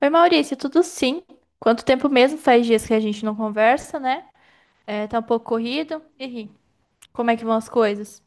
Oi, Maurício, tudo sim? Quanto tempo mesmo? Faz dias que a gente não conversa, né? É, tá um pouco corrido. E aí, como é que vão as coisas?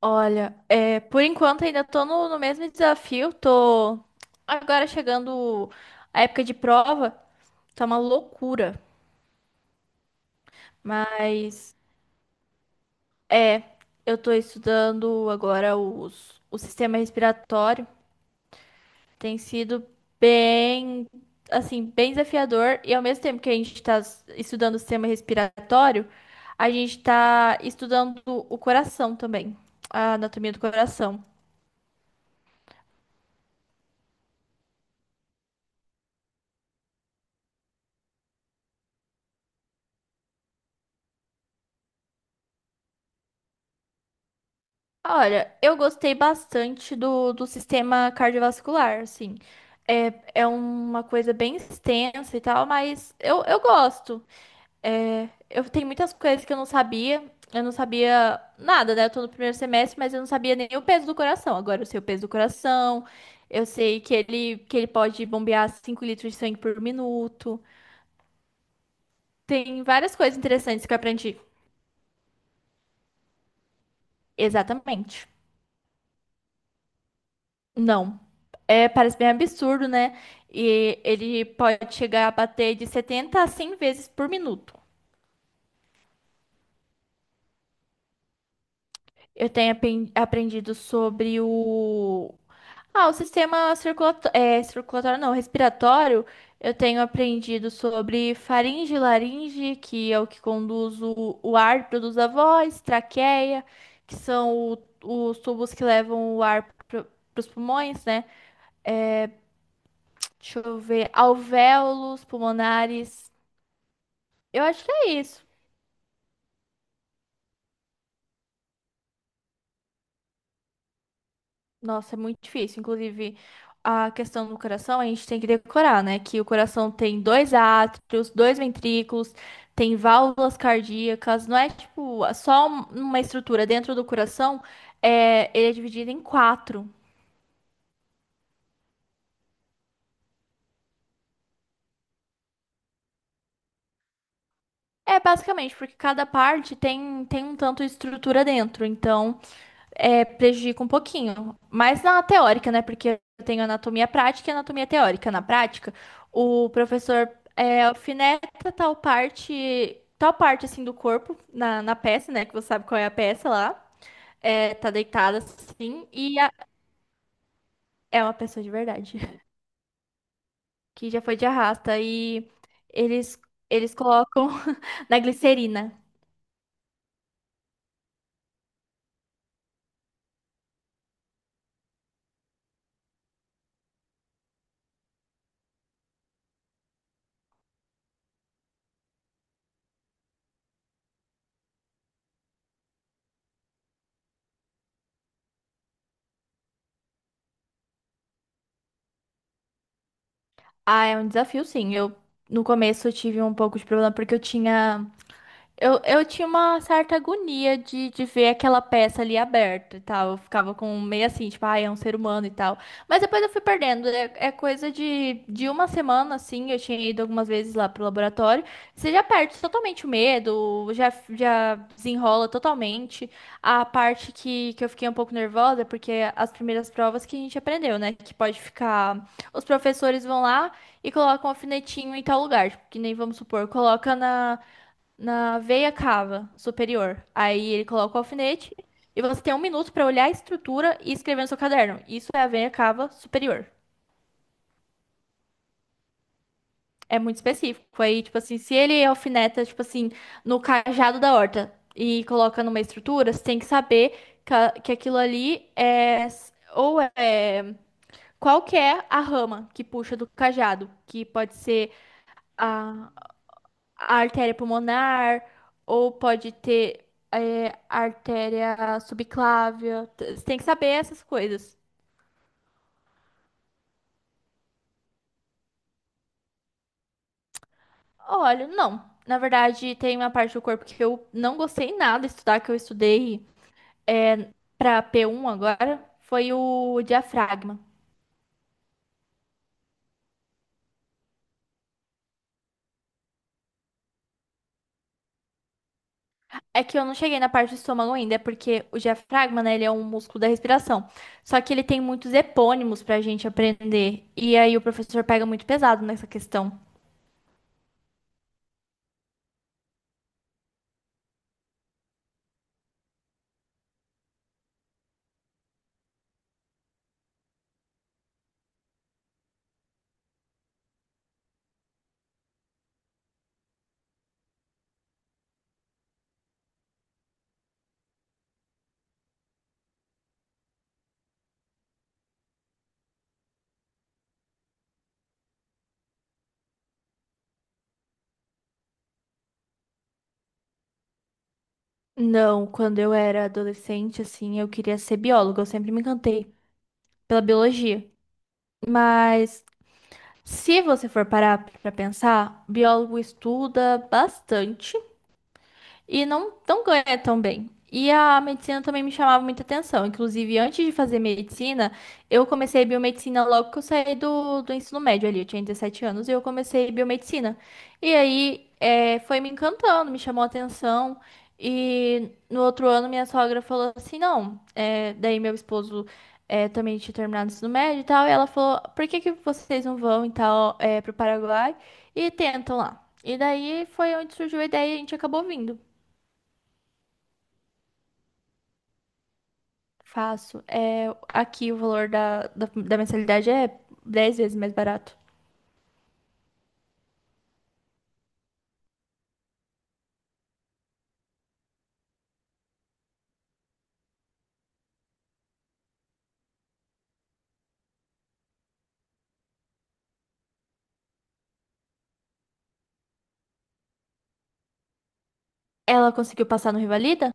Olha, é, por enquanto ainda tô no mesmo desafio. Tô agora chegando a época de prova, tá uma loucura. Mas é, eu tô estudando agora o sistema respiratório. Tem sido bem, assim, bem desafiador e ao mesmo tempo que a gente está estudando o sistema respiratório, a gente está estudando o coração também, a anatomia do coração. Olha, eu gostei bastante do sistema cardiovascular, assim. É, é uma coisa bem extensa e tal, mas eu gosto. É, eu tenho muitas coisas que eu não sabia. Eu não sabia nada, né? Eu tô no primeiro semestre, mas eu não sabia nem o peso do coração. Agora eu sei o peso do coração. Eu sei que ele pode bombear 5 litros de sangue por minuto. Tem várias coisas interessantes que eu aprendi. Exatamente. Não. É, parece bem absurdo, né? E ele pode chegar a bater de 70 a 100 vezes por minuto. Eu tenho aprendido sobre o Ah, o sistema circulatório, é, circulatório não, respiratório, eu tenho aprendido sobre faringe e laringe, que é o que conduz o ar, produz a voz, traqueia, que são os tubos que levam o ar para os pulmões, né? Deixa eu ver, alvéolos, pulmonares. Eu acho que é isso. Nossa, é muito difícil. Inclusive, a questão do coração, a gente tem que decorar, né? Que o coração tem dois átrios, dois ventrículos, tem válvulas cardíacas. Não é tipo só uma estrutura dentro do coração, é, ele é dividido em quatro. É basicamente porque cada parte tem um tanto de estrutura dentro. Então, é, prejudica um pouquinho. Mas na teórica, né? Porque eu tenho anatomia prática e anatomia teórica. Na prática, o professor alfineta tal parte assim do corpo na peça, né? Que você sabe qual é a peça lá. É, tá deitada assim e é uma pessoa de verdade que já foi de arrasta e eles eles colocam na glicerina. Ah, é um desafio, sim. Eu No começo eu tive um pouco de problema porque eu tinha uma certa agonia de ver aquela peça ali aberta e tal. Eu ficava com meio assim, tipo, ah, é um ser humano e tal. Mas depois eu fui perdendo. É coisa de uma semana, assim. Eu tinha ido algumas vezes lá pro laboratório. Você já perde totalmente o medo, já desenrola totalmente. A parte que eu fiquei um pouco nervosa, é porque as primeiras provas que a gente aprendeu, né? Que pode ficar. Os professores vão lá e colocam um alfinetinho em tal lugar. Tipo, que nem vamos supor, coloca na veia cava superior. Aí ele coloca o alfinete e você tem um minuto para olhar a estrutura e escrever no seu caderno. Isso é a veia cava superior. É muito específico. Aí, tipo assim, se ele alfineta, tipo assim, no cajado da horta e coloca numa estrutura, você tem que saber que aquilo ali é. Ou é. Qual que é a rama que puxa do cajado? Que pode ser a a artéria pulmonar, ou pode ter artéria subclávia. Você tem que saber essas coisas. Olha, não. Na verdade, tem uma parte do corpo que eu não gostei nada de estudar, que eu estudei é, para P1 agora, foi o diafragma. É que eu não cheguei na parte do estômago ainda, é porque o diafragma, né, ele é um músculo da respiração. Só que ele tem muitos epônimos pra gente aprender. E aí o professor pega muito pesado nessa questão. Não, quando eu era adolescente, assim, eu queria ser bióloga. Eu sempre me encantei pela biologia. Mas se você for parar pra pensar, biólogo estuda bastante e não ganha tão bem. E a medicina também me chamava muita atenção. Inclusive, antes de fazer medicina, eu comecei biomedicina logo que eu saí do ensino médio ali. Eu tinha 17 anos e eu comecei biomedicina. E aí, foi me encantando, me chamou a atenção. E no outro ano, minha sogra falou assim: não, daí meu esposo também tinha terminado o ensino médio e tal, e ela falou, por que que vocês não vão e tal, pro Paraguai e tentam lá? E daí foi onde surgiu a ideia e a gente acabou vindo. Faço. É, aqui o valor da mensalidade é 10 vezes mais barato. Ela conseguiu passar no Rivalida?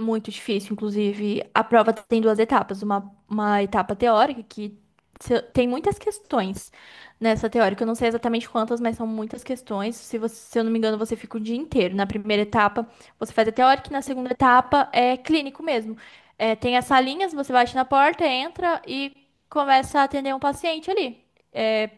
Muito difícil, inclusive. A prova tem duas etapas. Uma etapa teórica, que tem muitas questões nessa teórica. Eu não sei exatamente quantas, mas são muitas questões. Se eu não me engano, você fica o dia inteiro. Na primeira etapa, você faz a teórica, e na segunda etapa é clínico mesmo. É, tem as salinhas, você bate na porta, entra e começa a atender um paciente ali. É,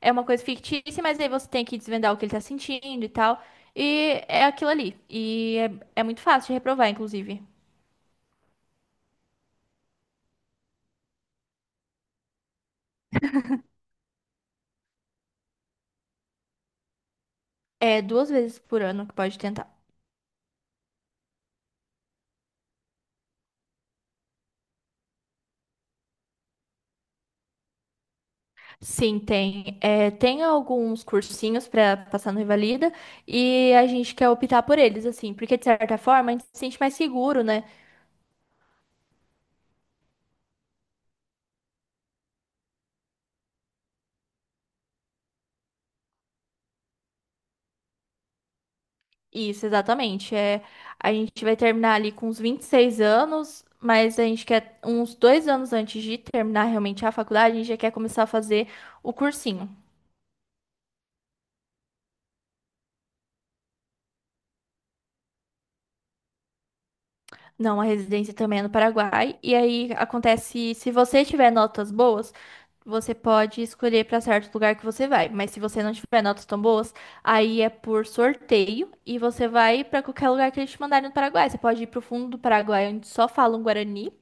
é uma coisa fictícia, mas aí você tem que desvendar o que ele tá sentindo e tal. E é aquilo ali. E é muito fácil de reprovar, inclusive. É 2 vezes por ano que pode tentar. Sim, tem. Tem alguns cursinhos para passar no Revalida e a gente quer optar por eles, assim, porque de certa forma a gente se sente mais seguro, né? Isso, exatamente. A gente vai terminar ali com uns 26 anos, mas a gente quer uns 2 anos antes de terminar realmente a faculdade, a gente já quer começar a fazer o cursinho. Não, a residência também é no Paraguai. E aí acontece, se você tiver notas boas, você pode escolher para certo lugar que você vai. Mas se você não tiver notas tão boas, aí é por sorteio e você vai para qualquer lugar que eles te mandarem no Paraguai. Você pode ir para o fundo do Paraguai, onde só falam Guarani,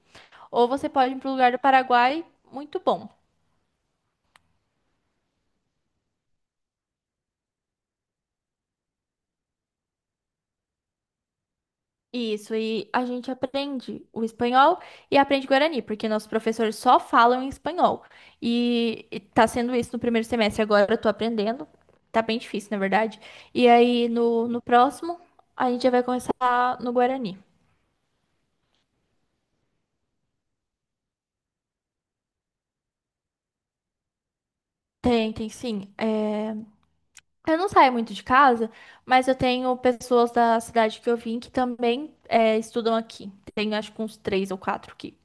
ou você pode ir para um lugar do Paraguai muito bom. Isso, e a gente aprende o espanhol e aprende guarani, porque nossos professores só falam em espanhol. E tá sendo isso no primeiro semestre, agora eu tô aprendendo. Tá bem difícil, na verdade. E aí no próximo, a gente já vai começar no guarani. Tem, tem sim. Eu não saio muito de casa, mas eu tenho pessoas da cidade que eu vim que também estudam aqui. Tenho acho que uns três ou quatro aqui.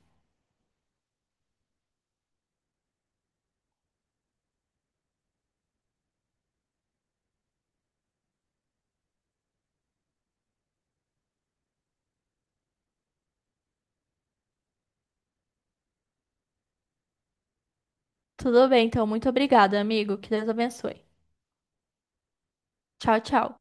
Tudo bem, então, muito obrigada, amigo. Que Deus abençoe. Tchau, tchau.